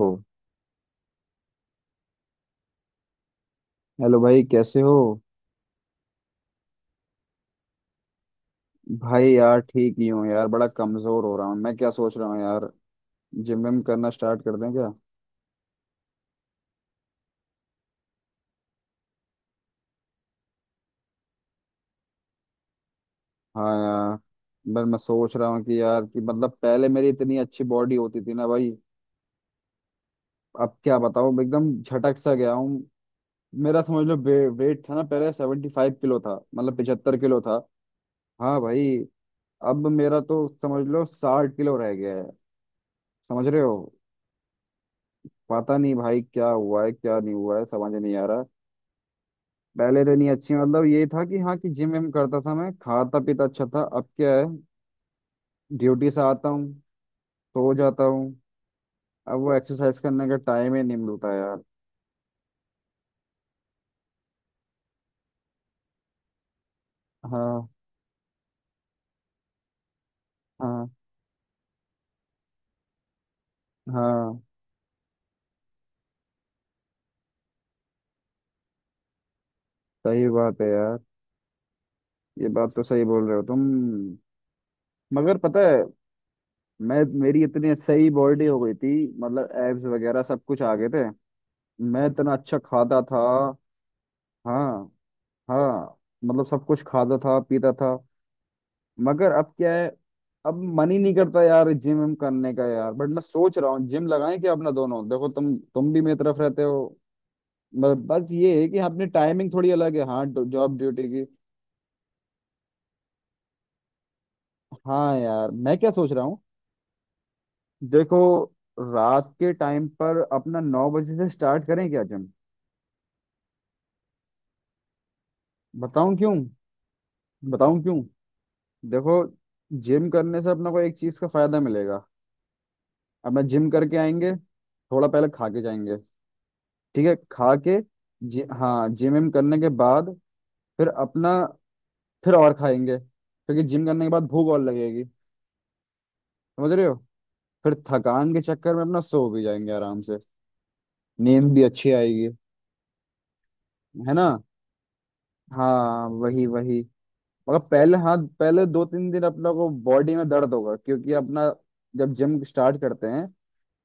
ओ। Hello भाई, कैसे हो? भाई यार ठीक ही हूँ यार, बड़ा कमजोर हो रहा हूँ। मैं क्या सोच रहा हूँ यार, जिम विम करना स्टार्ट कर दें क्या? हाँ यार, बस मैं सोच रहा हूँ कि यार कि मतलब पहले मेरी इतनी अच्छी बॉडी होती थी ना भाई। अब क्या बताऊँ, एकदम झटक सा गया हूँ। मेरा समझ लो वेट था ना, पहले 75 किलो था, मतलब 75 किलो था। हाँ भाई। अब मेरा तो समझ लो 60 किलो रह गया है। समझ रहे हो? पता नहीं भाई क्या हुआ है क्या नहीं हुआ है, समझ नहीं आ रहा। पहले तो नहीं, अच्छी मतलब ये था कि हाँ कि जिम विम करता था, मैं खाता पीता अच्छा था। अब क्या है? ड्यूटी से आता हूँ, सो जाता हूँ। अब वो एक्सरसाइज करने का टाइम ही नहीं मिलता यार। हाँ, हाँ, हाँ। सही बात है यार, ये बात तो सही बोल रहे हो तुम। मगर पता है, मैं मेरी इतनी सही बॉडी हो गई थी। मतलब एब्स वगैरह सब कुछ आ गए थे, मैं इतना अच्छा खाता था। हाँ, हाँ। मतलब सब कुछ खाता था पीता था। मगर अब क्या है? अब मन ही नहीं करता यार जिम विम करने का यार, बट मैं सोच रहा हूँ जिम लगाएं क्या अपना दोनों? देखो, तुम भी मेरी तरफ रहते हो। बस ये है कि अपनी टाइमिंग थोड़ी अलग है, हाँ, जॉब ड्यूटी की। हाँ यार, मैं क्या सोच रहा हूँ, देखो। रात के टाइम पर अपना 9 बजे से स्टार्ट करें क्या जिम? बताऊं क्यों? बताऊं क्यों? देखो, जिम करने से अपना को एक चीज का फायदा मिलेगा। अपना जिम करके आएंगे, थोड़ा पहले खा के जाएंगे। ठीक है, खा के। हाँ, जिम विम करने के बाद फिर अपना फिर और खाएंगे, क्योंकि जिम करने के बाद भूख और लगेगी। समझ रहे हो? फिर थकान के चक्कर में अपना सो भी जाएंगे आराम से, नींद भी अच्छी आएगी, है ना? हाँ, वही वही। मगर पहले, हाँ, पहले 2 3 दिन अपना को बॉडी में दर्द होगा, क्योंकि अपना जब जिम स्टार्ट करते हैं,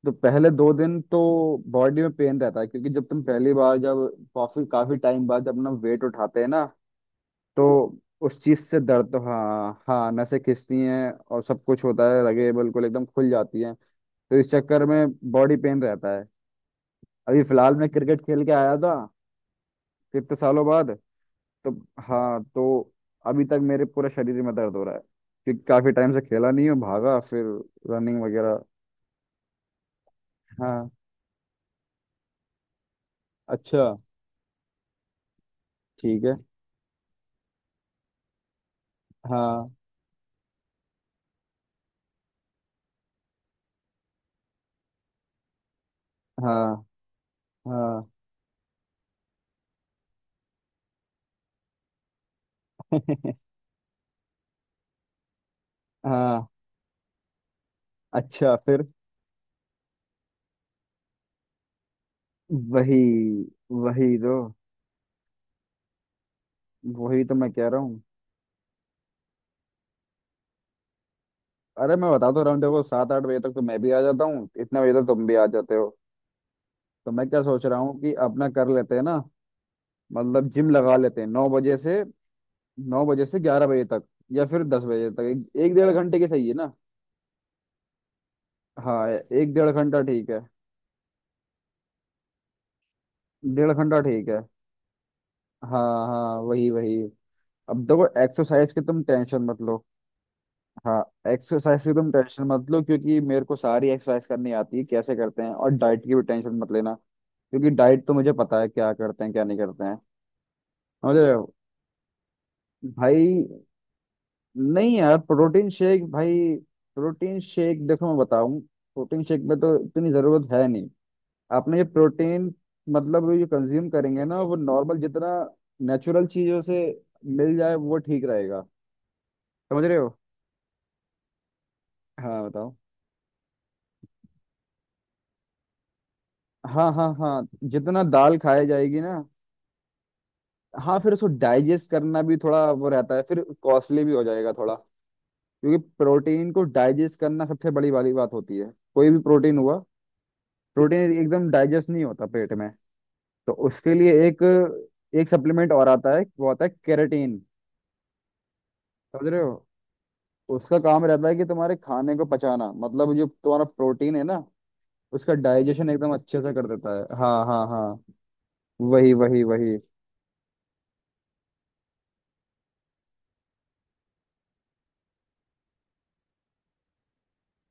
तो पहले 2 दिन तो बॉडी में पेन रहता है। क्योंकि जब तुम पहली बार, जब काफी काफी टाइम बाद जब अपना वेट उठाते हैं ना, तो उस चीज से दर्द तो, हाँ हाँ, नसें खिंचती हैं और सब कुछ होता है लगे, बिल्कुल एकदम खुल जाती हैं। तो इस चक्कर में बॉडी पेन रहता है। अभी फिलहाल मैं क्रिकेट खेल के आया था, कितने सालों बाद, तो हाँ तो अभी तक मेरे पूरे शरीर में दर्द हो रहा है। क्योंकि काफी टाइम से खेला नहीं हूँ, भागा फिर रनिंग वगैरह। हाँ। अच्छा। ठीक है। हाँ, हाँ, हाँ। हाँ। अच्छा फिर। वही वही तो, वही तो मैं कह रहा हूँ। अरे मैं बता तो रहा हूँ, देखो, 7 8 बजे तक तो मैं भी आ जाता हूँ, इतने बजे तक तुम भी आ जाते हो। तो मैं क्या सोच रहा हूँ कि अपना कर लेते हैं ना। मतलब जिम लगा लेते हैं 9 बजे से। 9 बजे से 11 बजे तक, या फिर 10 बजे तक, एक डेढ़ घंटे की सही है ना? हाँ, एक डेढ़ घंटा ठीक है। डेढ़ घंटा ठीक है। हाँ, हाँ, वही वही। अब देखो, एक्सरसाइज की तुम टेंशन मत लो। हाँ, एक्सरसाइज की तुम टेंशन मत लो, क्योंकि मेरे को सारी एक्सरसाइज करनी आती है कैसे करते हैं, और डाइट की भी टेंशन मत लेना। क्योंकि डाइट तो मुझे पता है क्या करते हैं, क्या नहीं करते हैं। समझ रहे हो? भाई नहीं यार, प्रोटीन शेक भाई। प्रोटीन शेक देखो, मैं बताऊं, प्रोटीन शेक में तो इतनी जरूरत है नहीं। आपने ये प्रोटीन, मतलब ये कंज्यूम करेंगे ना, वो नॉर्मल जितना नेचुरल चीजों से मिल जाए वो ठीक रहेगा। समझ रहे हो? हाँ, बताओ। हाँ, हाँ, हाँ। जितना दाल खाई जाएगी ना। हाँ, फिर उसको डाइजेस्ट करना भी थोड़ा वो रहता है, फिर कॉस्टली भी हो जाएगा थोड़ा। क्योंकि प्रोटीन को डाइजेस्ट करना सबसे बड़ी वाली बात होती है, कोई भी प्रोटीन हुआ। प्रोटीन एकदम डाइजेस्ट नहीं होता पेट में। तो उसके लिए एक, एक सप्लीमेंट और आता है, वो आता है केराटिन। समझ रहे हो? उसका काम रहता है कि तुम्हारे खाने को पचाना, मतलब जो तुम्हारा प्रोटीन है ना, उसका डाइजेशन एकदम अच्छे से कर देता है। हाँ, हाँ, हाँ। वही वही वही।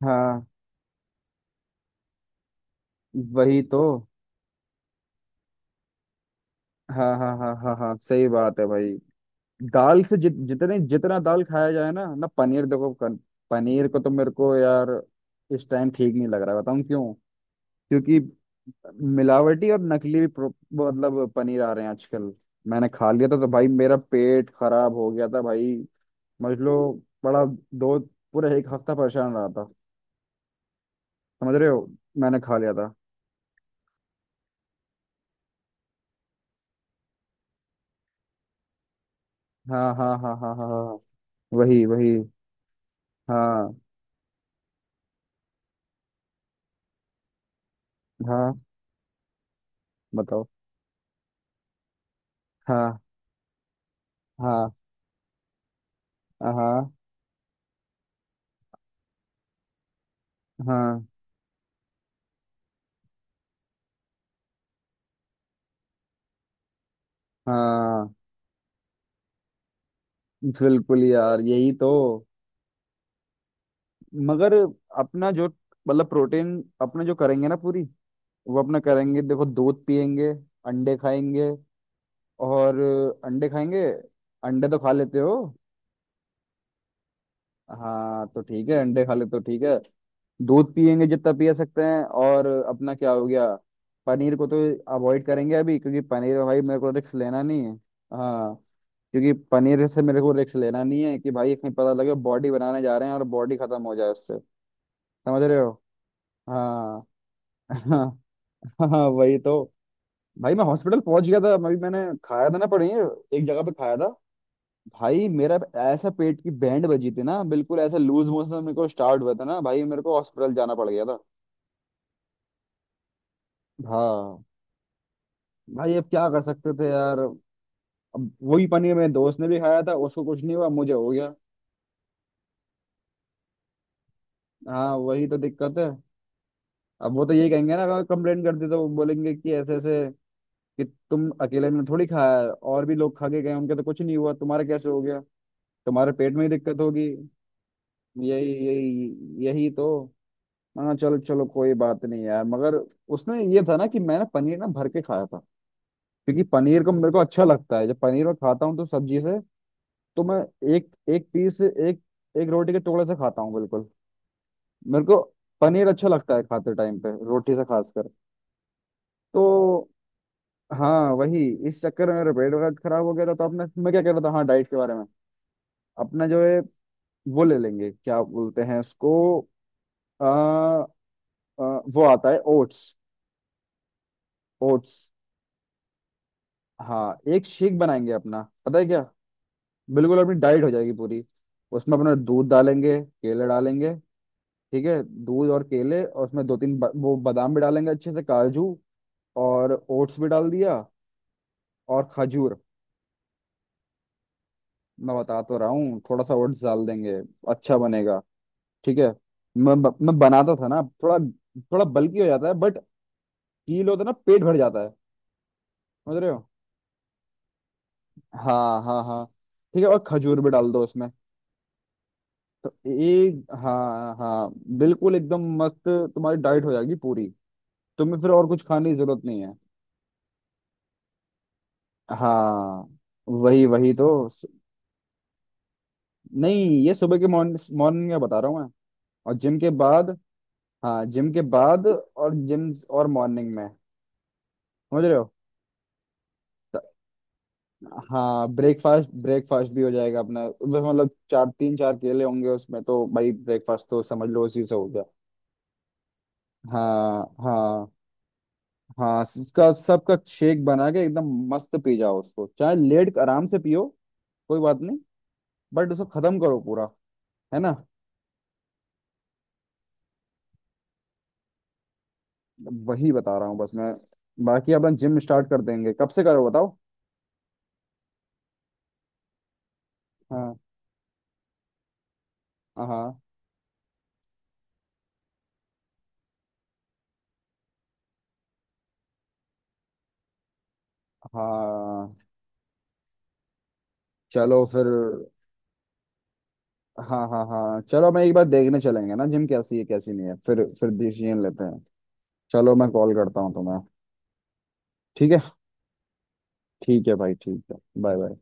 हाँ वही तो। हाँ, हाँ, हाँ, हाँ, हाँ। सही बात है भाई। दाल से जितना दाल खाया जाए ना। ना पनीर, देखो, पनीर को तो मेरे को यार इस टाइम ठीक नहीं लग रहा है। बताऊँ क्यों? क्योंकि मिलावटी और नकली भी मतलब पनीर आ रहे हैं आजकल। मैंने खा लिया था तो भाई मेरा पेट खराब हो गया था भाई। समझ लो बड़ा, दो पूरा एक हफ्ता परेशान रहा था। समझ रहे हो? मैंने खा लिया था। हाँ, हाँ, हाँ, हाँ, हाँ, हाँ। वही वही। हाँ, हाँ, बताओ। हाँ, हाँ, हाँ, हाँ, हाँ, बिल्कुल यार, यही तो। मगर अपना जो मतलब प्रोटीन, अपने जो करेंगे ना पूरी, वो अपना करेंगे देखो, दूध पियेंगे, अंडे खाएंगे, और अंडे खाएंगे। अंडे तो खा लेते हो? हाँ तो ठीक है, अंडे खा लेते हो, ठीक है। दूध पियेंगे जितना पिया सकते हैं, और अपना क्या हो गया, पनीर को तो अवॉइड करेंगे अभी, क्योंकि पनीर में भाई मेरे को रिस्क लेना नहीं है। हाँ। क्योंकि पनीर से मेरे को रिस्क लेना नहीं है कि भाई कहीं पता लगे बॉडी बनाने जा रहे हैं और बॉडी खत्म हो जाए उससे। समझ रहे हो? हाँ। हाँ, हाँ वही तो। भाई मैं हॉस्पिटल पहुंच गया था अभी, मैंने खाया था ना पनीर एक जगह पे खाया था। भाई मेरा ऐसा पेट की बैंड बजी थी ना बिल्कुल, ऐसा लूज मोशन मेरे को स्टार्ट हुआ था ना भाई, मेरे को हॉस्पिटल जाना पड़ गया था। हाँ भाई, अब क्या कर सकते थे यार। अब वही पनीर मेरे दोस्त ने भी खाया था, उसको कुछ नहीं हुआ, मुझे हो गया। हाँ वही तो दिक्कत है। अब वो तो यही कहेंगे ना, अगर कंप्लेन करते तो वो बोलेंगे कि ऐसे ऐसे कि तुम अकेले ने थोड़ी खाया है, और भी लोग खा के गए, उनके तो कुछ नहीं हुआ, तुम्हारा कैसे हो गया? तुम्हारे पेट में ही दिक्कत होगी। यही यही यही तो। हाँ, चलो चलो, कोई बात नहीं यार। मगर उसमें ये था ना कि मैं ना पनीर ना भर के खाया था। क्योंकि पनीर का मेरे को अच्छा लगता है। जब पनीर मैं खाता हूँ तो सब्जी से, तो मैं एक एक पीस, एक एक रोटी के टुकड़े से खाता हूँ बिल्कुल। मेरे को पनीर अच्छा लगता है खाते टाइम पे रोटी से, खासकर। तो हाँ वही, इस चक्कर में मेरा पेट वगैरह खराब हो गया था। तो अपने, मैं क्या कह रहा था, हाँ, डाइट के बारे में। अपना जो है वो ले लेंगे, क्या बोलते हैं उसको, आ, आ, वो आता है ओट्स। ओट्स, हाँ, एक शेक बनाएंगे अपना, पता है क्या? बिल्कुल अपनी डाइट हो जाएगी पूरी। उसमें अपना दूध डालेंगे, केले डालेंगे। ठीक है, दूध और केले, और उसमें दो तीन वो बादाम भी डालेंगे अच्छे से, काजू और ओट्स भी डाल दिया, और खजूर। मैं बता तो रहा हूँ, थोड़ा सा ओट्स डाल देंगे, अच्छा बनेगा। ठीक है। मैं बनाता था ना, थोड़ा थोड़ा बल्की हो जाता है, बट कील होता है ना, पेट भर जाता है। समझ रहे हो? हाँ, हाँ, हाँ। ठीक है, और खजूर भी डाल दो उसमें तो एक, हाँ हाँ, बिल्कुल एकदम मस्त। तुम्हारी डाइट हो जाएगी पूरी, तुम्हें फिर और कुछ खाने की जरूरत नहीं है। हाँ, वही वही तो नहीं, ये सुबह के, मॉर्निंग मॉर्निंग में बता रहा हूँ मैं, और जिम के बाद। हाँ, जिम के बाद, और जिम और मॉर्निंग में। समझ रहे हो? त- हाँ, ब्रेकफास्ट ब्रेकफास्ट भी हो जाएगा अपना बस। मतलब चार, 3 4 केले होंगे उसमें, तो भाई ब्रेकफास्ट तो समझ लो उसी से हो गया। हाँ, हाँ, हाँ। इसका सबका शेक बना के एकदम मस्त पी जाओ उसको, चाहे लेट के आराम से पियो, कोई बात नहीं। बट उसको खत्म करो पूरा, है ना? वही बता रहा हूँ बस मैं। बाकी अपन जिम स्टार्ट कर देंगे, कब से करो बताओ। हाँ, हाँ, हाँ। चलो फिर। हाँ, हाँ, हाँ, चलो मैं एक बार देखने चलेंगे ना जिम कैसी है कैसी नहीं है, फिर डिसीजन लेते हैं। चलो, मैं कॉल करता हूँ तुम्हें। ठीक है। ठीक है भाई, ठीक है। Bye, bye.